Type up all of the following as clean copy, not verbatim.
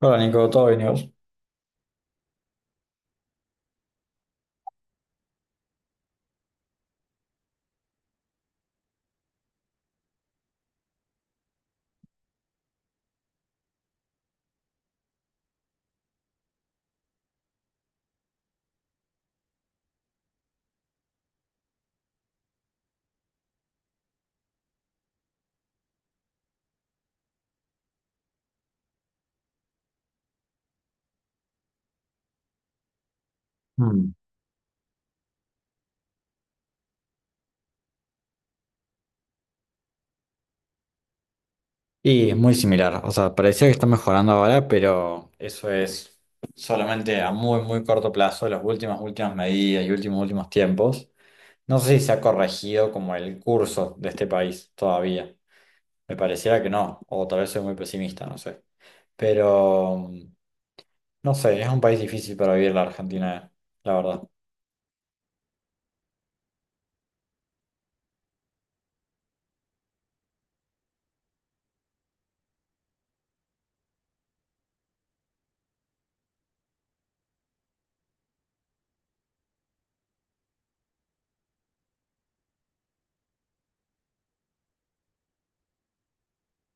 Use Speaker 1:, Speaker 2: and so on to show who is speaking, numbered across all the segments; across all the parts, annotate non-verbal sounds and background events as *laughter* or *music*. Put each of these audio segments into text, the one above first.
Speaker 1: Hola Nico, ¿todo bien y vos? Mm. Y es muy similar, o sea, parecía que está mejorando ahora, pero eso es solamente a muy, muy corto plazo, las últimas medidas y últimos tiempos. No sé si se ha corregido como el curso de este país todavía. Me pareciera que no, o tal vez soy muy pesimista, no sé. Pero, no sé, es un país difícil para vivir la Argentina, la verdad.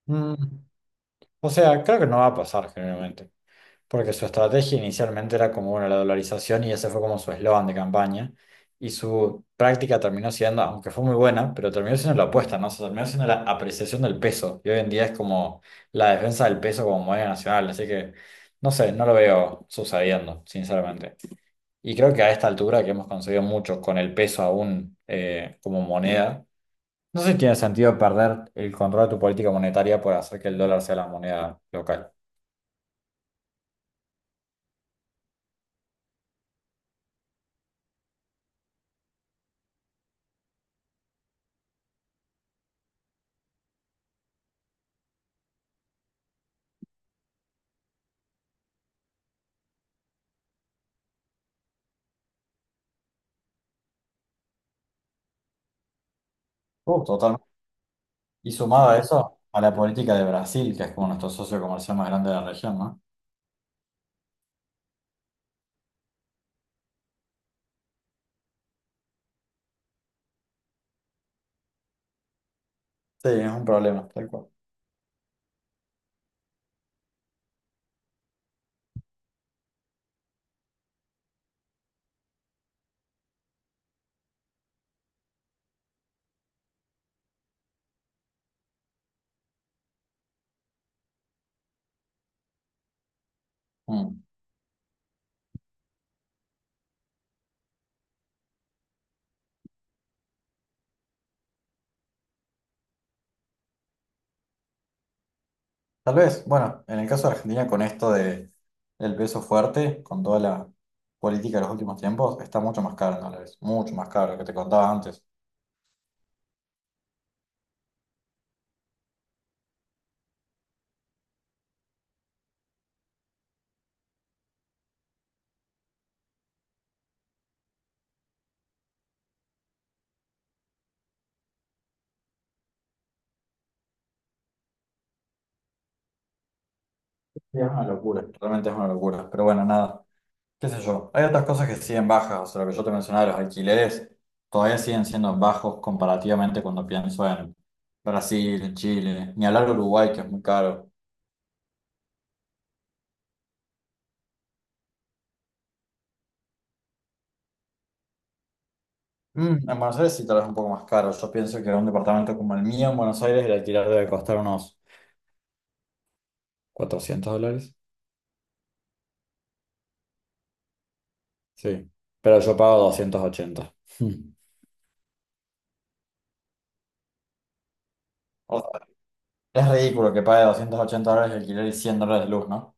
Speaker 1: Mm, O sea, creo que no va a pasar generalmente. Porque su estrategia inicialmente era como, bueno, la dolarización y ese fue como su eslogan de campaña. Y su práctica terminó siendo, aunque fue muy buena, pero terminó siendo la opuesta, ¿no? O sea, terminó siendo la apreciación del peso. Y hoy en día es como la defensa del peso como moneda nacional. Así que, no sé, no lo veo sucediendo, sinceramente. Y creo que a esta altura que hemos conseguido mucho con el peso aún como moneda, no sé si tiene sentido perder el control de tu política monetaria por hacer que el dólar sea la moneda local. Totalmente. Y sumado a eso, a la política de Brasil, que es como nuestro socio comercial más grande de la región, ¿no? Sí, es un problema, tal cual. Mm. Tal vez, bueno, en el caso de Argentina, con esto de el peso fuerte, con toda la política de los últimos tiempos, está mucho más caro en dólares, mucho más caro, lo que te contaba antes. Sí, es una locura, realmente es una locura. Pero bueno, nada, qué sé yo. Hay otras cosas que siguen bajas, o sea, lo que yo te mencionaba, los alquileres, todavía siguen siendo bajos comparativamente cuando pienso en Brasil, en Chile, ni hablar de Uruguay, que es muy caro. En Buenos Aires sí, tal vez un poco más caro. Yo pienso que un departamento como el mío en Buenos Aires el alquiler debe costar unos $400. Sí, pero yo pago 280. Mm. *laughs* O sea, es ridículo que pague $280 de alquiler y $100 de luz, ¿no?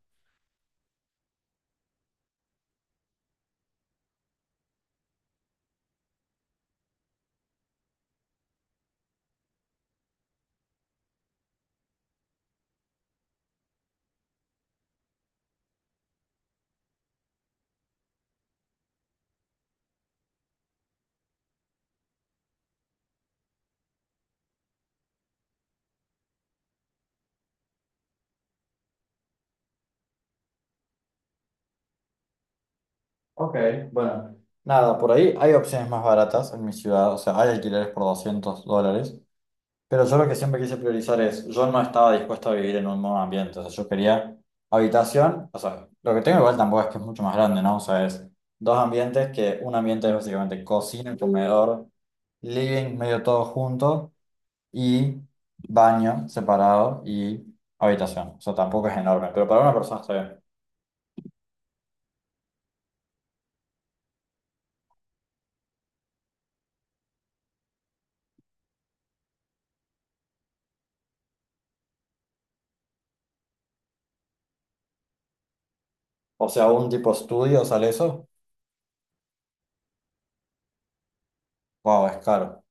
Speaker 1: Ok, bueno. Nada, por ahí hay opciones más baratas en mi ciudad. O sea, hay alquileres por $200. Pero yo lo que siempre quise priorizar es, yo no estaba dispuesto a vivir en un nuevo ambiente, o sea, yo quería habitación, o sea, lo que tengo igual tampoco es que es mucho más grande, ¿no? O sea, es dos ambientes que un ambiente es básicamente cocina, comedor, living, medio todo junto y baño separado y habitación, o sea, tampoco es enorme, pero para una persona está bien. O sea, un tipo estudio sale eso, wow, es caro.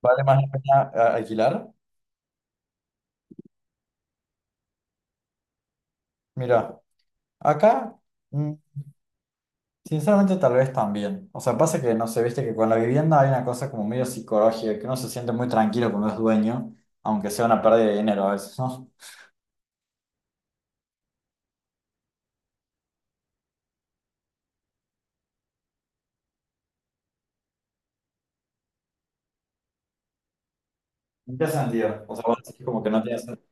Speaker 1: ¿Vale más la pena alquilar? Mira, acá... mm, Sinceramente, tal vez también. O sea, pasa que, no sé, viste que con la vivienda hay una cosa como medio psicológica, que uno se siente muy tranquilo cuando es dueño, aunque sea una pérdida de dinero a veces, ¿no? ¿En qué sentido? O sea, vos decís como que no tiene sentido.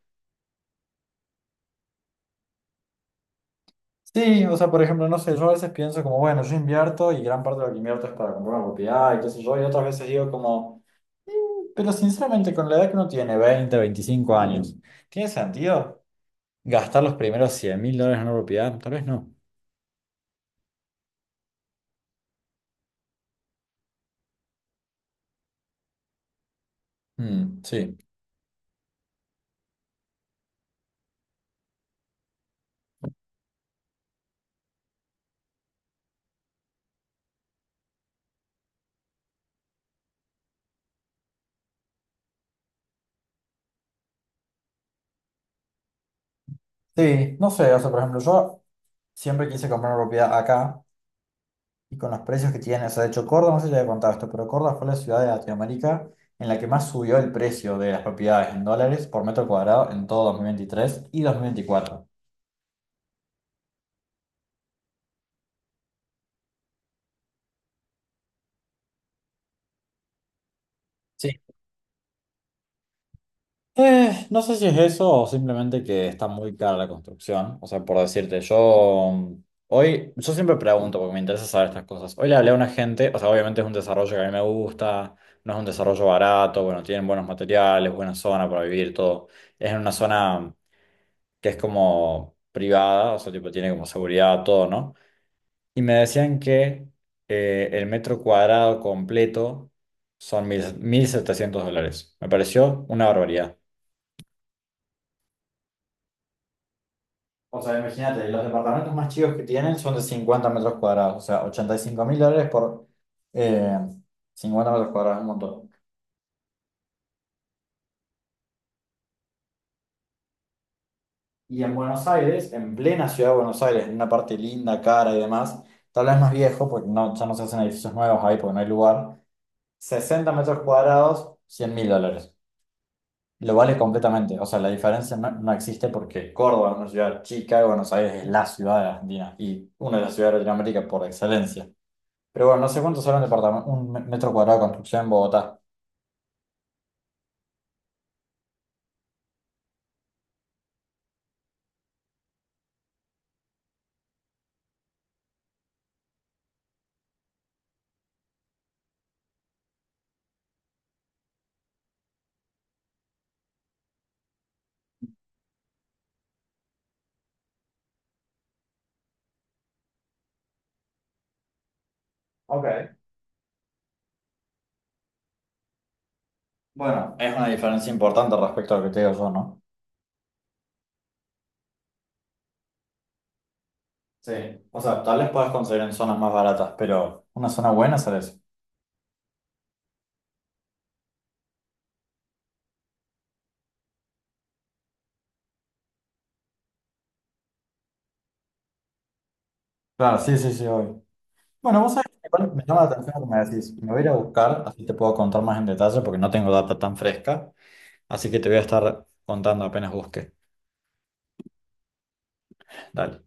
Speaker 1: Sí, o sea, por ejemplo, no sé, yo a veces pienso como, bueno, yo invierto y gran parte de lo que invierto es para comprar una propiedad y qué sé yo, y otras veces digo como, pero sinceramente, con la edad que uno tiene, 20 25 años, ¿tiene sentido gastar los primeros $100,000 en una propiedad? Tal vez no. Mm, sí. Sí, no sé, o sea, por ejemplo, yo siempre quise comprar una propiedad acá y con los precios que tiene, o sea, de hecho Córdoba, no sé si te había contado esto, pero Córdoba fue la ciudad de Latinoamérica en la que más subió el precio de las propiedades en dólares por metro cuadrado en todo 2023 y 2024. Sí. No sé si es eso o simplemente que está muy cara la construcción. O sea, por decirte, yo hoy, yo siempre pregunto porque me interesa saber estas cosas. Hoy le hablé a una gente, o sea, obviamente es un desarrollo que a mí me gusta, no es un desarrollo barato, bueno, tienen buenos materiales, buena zona para vivir, todo. Es en una zona que es como privada, o sea, tipo tiene como seguridad, todo, ¿no? Y me decían que el metro cuadrado completo son mil, $1,700. Me pareció una barbaridad. O sea, imagínate, los departamentos más chicos que tienen son de 50 metros cuadrados, o sea, $85,000 por eh, 50 metros cuadrados, un montón. Y en Buenos Aires, en plena ciudad de Buenos Aires, en una parte linda, cara y demás, tal vez más viejo, porque no, ya no se hacen edificios nuevos ahí porque no hay lugar, 60 metros cuadrados, $100,000. Lo vale completamente, o sea, la diferencia no, no existe porque Córdoba es una ciudad chica y Buenos Aires es la ciudad de Argentina y una de las ciudades de Latinoamérica por excelencia. Pero bueno, no sé cuánto sale un departamento, un metro cuadrado de construcción en Bogotá. Ok. Bueno, es una diferencia importante respecto a lo que te digo yo, ¿no? Sí. O sea, tal vez puedas conseguir en zonas más baratas, pero una zona buena sale eso. Claro, sí, sí, sí, obvio. Bueno, vos sabés que igual me llama la atención lo que me decís. Me voy a ir a buscar, así te puedo contar más en detalle porque no tengo data tan fresca. Así que te voy a estar contando apenas busque. Dale.